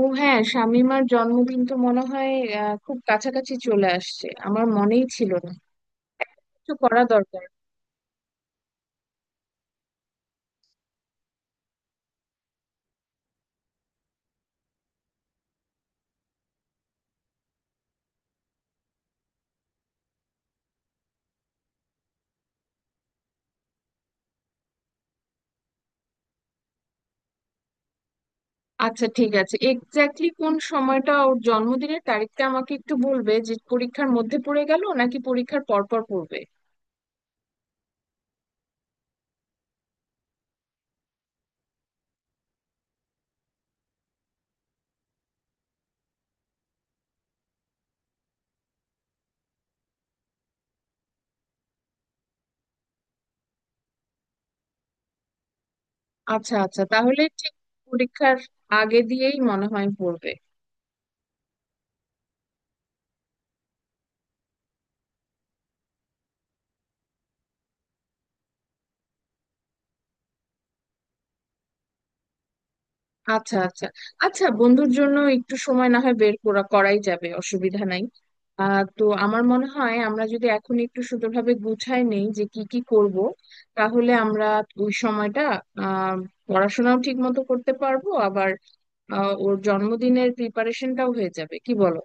ও হ্যাঁ, শামীমার জন্মদিন তো মনে হয় খুব কাছাকাছি চলে আসছে, আমার মনেই ছিল না। কিছু করা দরকার। আচ্ছা ঠিক আছে, এক্স্যাক্টলি কোন সময়টা ওর জন্মদিনের তারিখটা আমাকে একটু বলবে, যে পরীক্ষার মধ্যে পড়ে গেল নাকি পরীক্ষার পরপর পড়বে। আচ্ছা আচ্ছা, তাহলে ঠিক পরীক্ষার আগে দিয়েই মনে হয় পড়বে। আচ্ছা আচ্ছা। আচ্ছা, বন্ধুর জন্য একটু সময় না হয় বের করা করাই যাবে, অসুবিধা নাই। তো আমার মনে হয় আমরা যদি এখন একটু সুন্দরভাবে গুছাই নেই যে কি কি করব, তাহলে আমরা ওই সময়টা আহ পড়াশোনাও ঠিক মতো করতে পারবো, আবার ওর জন্মদিনের প্রিপারেশনটাও হয়ে যাবে। কি বলো?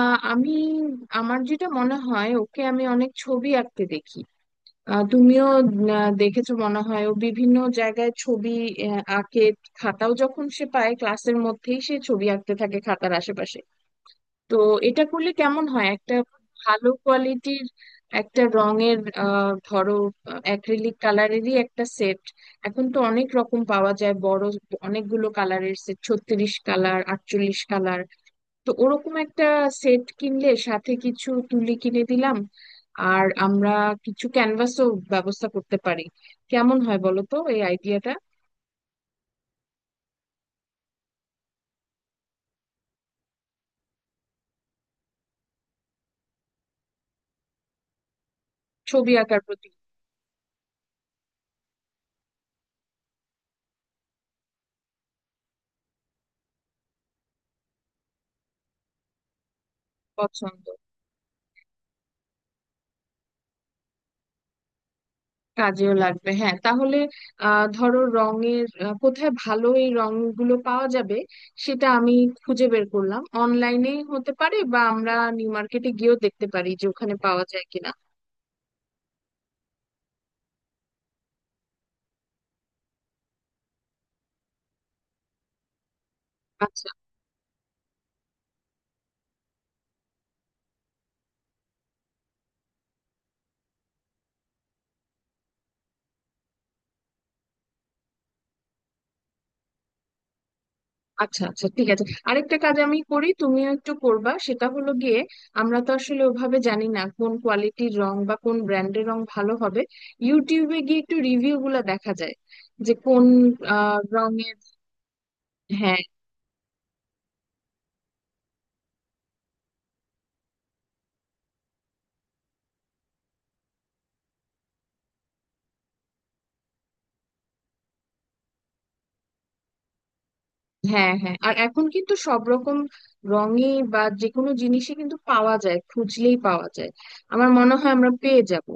আহ, আমি আমার যেটা মনে হয়, ওকে আমি অনেক ছবি আঁকতে দেখি। তুমিও দেখেছো মনে হয়, ও বিভিন্ন জায়গায় ছবি আঁকে। খাতাও যখন সে পায় ক্লাসের মধ্যেই সে ছবি আঁকতে থাকে খাতার আশেপাশে। তো এটা করলে কেমন হয়, একটা ভালো কোয়ালিটির একটা রঙের, ধরো অ্যাক্রিলিক কালারেরই একটা সেট। এখন তো অনেক রকম পাওয়া যায়, বড় অনেকগুলো কালারের সেট, 36 কালার, 48 কালার। তো ওরকম একটা সেট কিনলে সাথে কিছু তুলি কিনে দিলাম, আর আমরা কিছু ক্যানভাসও ব্যবস্থা করতে পারি। কেমন হয় বলো তো এই আইডিয়াটা? ছবি আঁকার প্রতি পছন্দ। কাজেও লাগবে, হ্যাঁ। তাহলে ধরো রঙের, কোথায় ভালো এই রংগুলো পাওয়া যাবে সেটা আমি খুঁজে বের করলাম, অনলাইনে হতে পারে বা আমরা নিউ মার্কেটে গিয়েও দেখতে পারি যে ওখানে পাওয়া যায় কিনা। আচ্ছা আচ্ছা। আচ্ছা ঠিক আছে, আরেকটা কাজ আমি করি, তুমিও একটু করবা। সেটা হলো গিয়ে, আমরা তো আসলে ওভাবে জানি না কোন কোয়ালিটির রং বা কোন ব্র্যান্ডের রং ভালো হবে। ইউটিউবে গিয়ে একটু রিভিউ গুলা দেখা যায় যে কোন রঙের। হ্যাঁ, হ্যাঁ, হ্যাঁ, আর এখন কিন্তু সব রকম রঙে বা যে কোনো জিনিসে কিন্তু পাওয়া যায়, খুঁজলেই পাওয়া যায়। আমার মনে হয় আমরা পেয়ে যাব।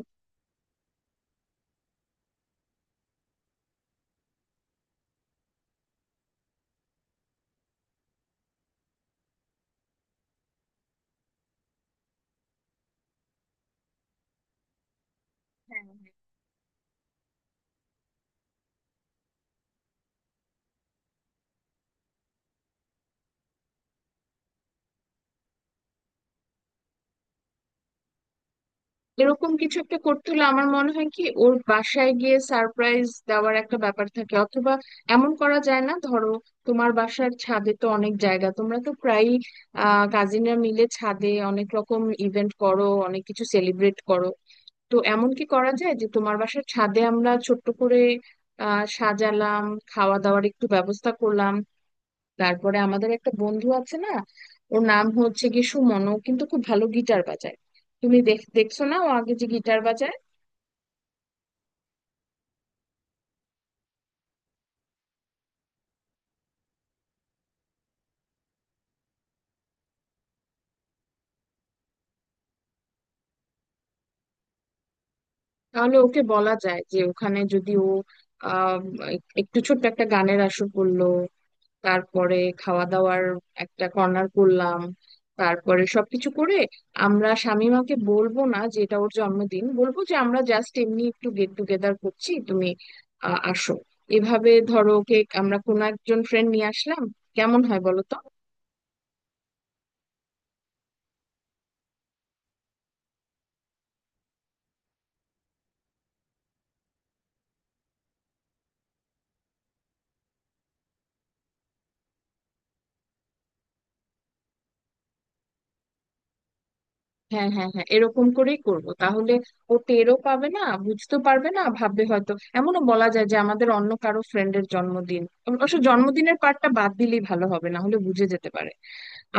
এরকম কিছু একটা করতে হলে আমার মনে হয় কি, ওর বাসায় গিয়ে সারপ্রাইজ দেওয়ার একটা ব্যাপার থাকে, অথবা এমন করা যায় না ধরো, তোমার বাসার ছাদে তো অনেক জায়গা, তোমরা তো প্রায়ই কাজিনরা মিলে ছাদে অনেক রকম ইভেন্ট করো, অনেক কিছু সেলিব্রেট করো। তো এমন কি করা যায় যে তোমার বাসার ছাদে আমরা ছোট্ট করে সাজালাম, খাওয়া দাওয়ার একটু ব্যবস্থা করলাম। তারপরে আমাদের একটা বন্ধু আছে না, ওর নাম হচ্ছে কি সুমন, ও কিন্তু খুব ভালো গিটার বাজায়। তুমি দেখ, দেখছো না ও আগে যে গিটার বাজায়। তাহলে ওকে বলা যায় যে ওখানে যদি ও আহ একটু ছোট্ট একটা গানের আসর করলো, তারপরে খাওয়া দাওয়ার একটা কর্নার করলাম, তারপরে সবকিছু করে আমরা শামিমাকে বলবো না যে এটা ওর জন্মদিন, বলবো যে আমরা জাস্ট এমনি একটু গেট টুগেদার করছি, তুমি আসো। এভাবে ধরো, কেক আমরা কোনো একজন ফ্রেন্ড নিয়ে আসলাম। কেমন হয় বলো তো? হ্যাঁ, হ্যাঁ, হ্যাঁ, এরকম করেই করব তাহলে। ও টেরও পাবে না, বুঝতে পারবে না, ভাববে হয়তো এমনও বলা যায় যে আমাদের অন্য কারো ফ্রেন্ডের জন্মদিন। অবশ্য জন্মদিনের পার্টটা বাদ দিলেই ভালো হবে, না হলে বুঝে যেতে পারে।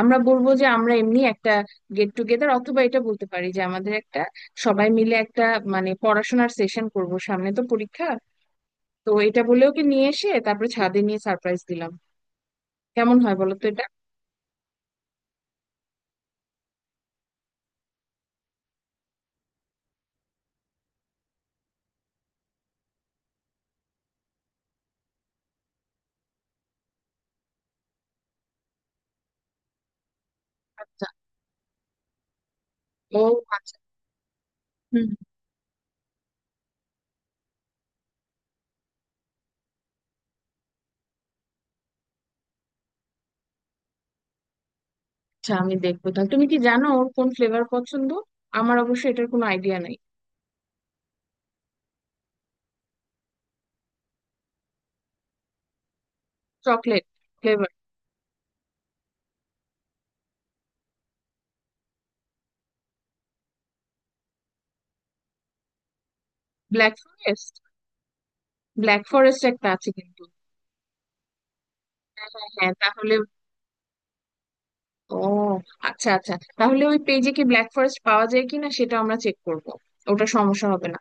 আমরা বলবো যে আমরা এমনি একটা গেট টুগেদার, অথবা এটা বলতে পারি যে আমাদের একটা সবাই মিলে একটা মানে পড়াশোনার সেশন করব, সামনে তো পরীক্ষা। তো এটা বলে ওকে নিয়ে এসে তারপরে ছাদে নিয়ে সারপ্রাইজ দিলাম। কেমন হয় বলো তো এটা? আচ্ছা। ও আচ্ছা। হুম। আচ্ছা, আমি দেখবো তাহলে। তুমি কি জানো ওর কোন ফ্লেভার পছন্দ? আমার অবশ্য এটার কোনো আইডিয়া নাই। Chocolate flavour? Black forest. Black forest একটা আছে কিন্তু। হ্যাঁ, হ্যাঁ, হ্যাঁ, তাহলে। ও আচ্ছা আচ্ছা, তাহলে ওই পেজে কি ব্ল্যাক ফরেস্ট পাওয়া যায় কিনা সেটা আমরা চেক করব। ওটা সমস্যা হবে না।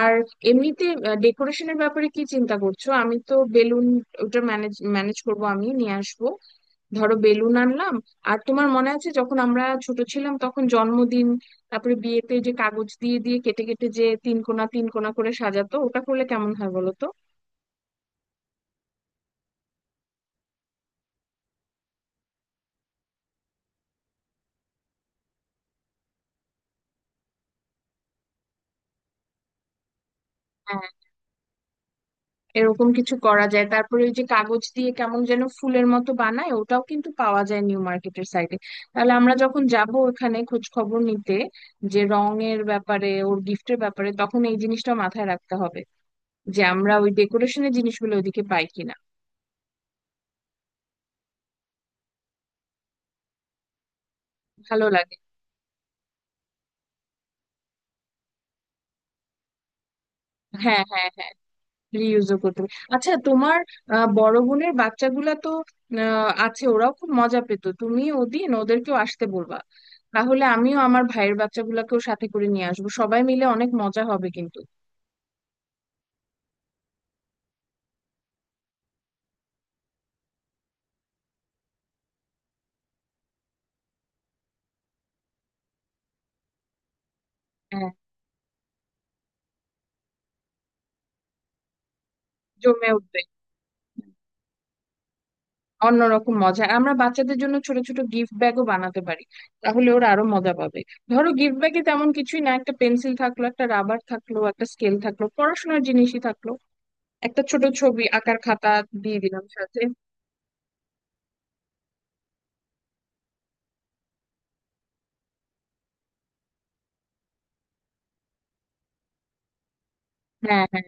আর এমনিতে ডেকোরেশনের ব্যাপারে কি চিন্তা করছো? আমি তো বেলুন, ওটা ম্যানেজ ম্যানেজ করব, আমি নিয়ে আসবো। ধরো বেলুন আনলাম, আর তোমার মনে আছে যখন আমরা ছোট ছিলাম তখন জন্মদিন, তারপরে বিয়েতে যে কাগজ দিয়ে দিয়ে কেটে কেটে যে তিন কোণা তিন কোণা করে সাজাতো, ওটা করলে কেমন হয় বলো তো? এরকম কিছু করা যায়। তারপরে ওই যে কাগজ দিয়ে কেমন যেন ফুলের মতো বানায়, ওটাও কিন্তু পাওয়া যায় নিউ মার্কেটের সাইডে। তাহলে আমরা যখন যাব ওখানে খোঁজ খবর নিতে, যে রঙের ব্যাপারে, ওর গিফটের ব্যাপারে, তখন এই জিনিসটা মাথায় রাখতে হবে যে আমরা ওই ডেকোরেশনের জিনিসগুলো ওইদিকে পাই কিনা। ভালো লাগে। হ্যাঁ, হ্যাঁ, হ্যাঁ, রিইউজও করতে পারি। আচ্ছা, তোমার বড় বোনের বাচ্চাগুলা তো আছে, ওরাও খুব মজা পেতো, তুমি ওদিন ওদেরকেও আসতে বলবা। তাহলে আমিও আমার ভাইয়ের বাচ্চাগুলাকেও সাথে করে নিয়ে আসবো, সবাই মিলে অনেক মজা হবে কিন্তু। হ্যাঁ, জমে উঠবে। অন্যরকম মজা। আর আমরা বাচ্চাদের জন্য ছোট ছোট গিফট ব্যাগও বানাতে পারি, তাহলে ওরা আরো মজা পাবে। ধরো গিফট ব্যাগে তেমন কিছুই না, একটা পেন্সিল থাকলো, একটা রাবার থাকলো, একটা স্কেল থাকলো, পড়াশোনার জিনিসই থাকলো, একটা ছোট ছবি আঁকার খাতা দিয়ে দিলাম সাথে। হ্যাঁ, হ্যাঁ।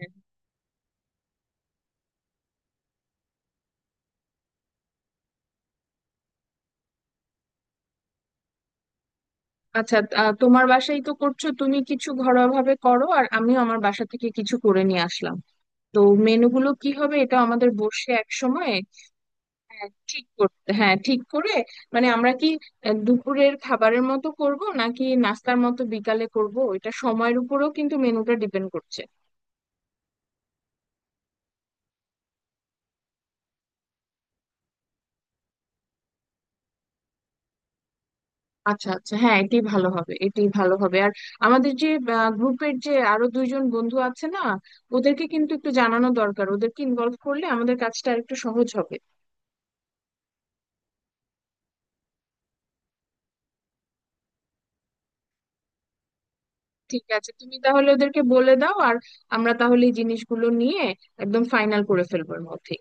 আচ্ছা, তোমার বাসায় তো করছো, তুমি কিছু ঘরোয়া ভাবে করো আর আমিও আমার বাসা থেকে কিছু করে নিয়ে আসলাম। তো মেনুগুলো কি হবে এটা আমাদের বসে এক সময় হ্যাঁ, ঠিক করতে হ্যাঁ ঠিক করে মানে আমরা কি দুপুরের খাবারের মতো করব নাকি নাস্তার মতো বিকালে করব, এটা সময়ের উপরেও কিন্তু মেনুটা ডিপেন্ড করছে। আচ্ছা আচ্ছা, হ্যাঁ এটাই ভালো হবে, এটাই ভালো হবে। আর আমাদের যে গ্রুপের যে আরো দুইজন বন্ধু আছে না, ওদেরকে কিন্তু একটু জানানো দরকার, ওদেরকে ইনভলভ করলে আমাদের কাজটা আরেকটু সহজ হবে। ঠিক আছে, তুমি তাহলে ওদেরকে বলে দাও, আর আমরা তাহলে এই জিনিসগুলো নিয়ে একদম ফাইনাল করে ফেলবো এর মধ্যে।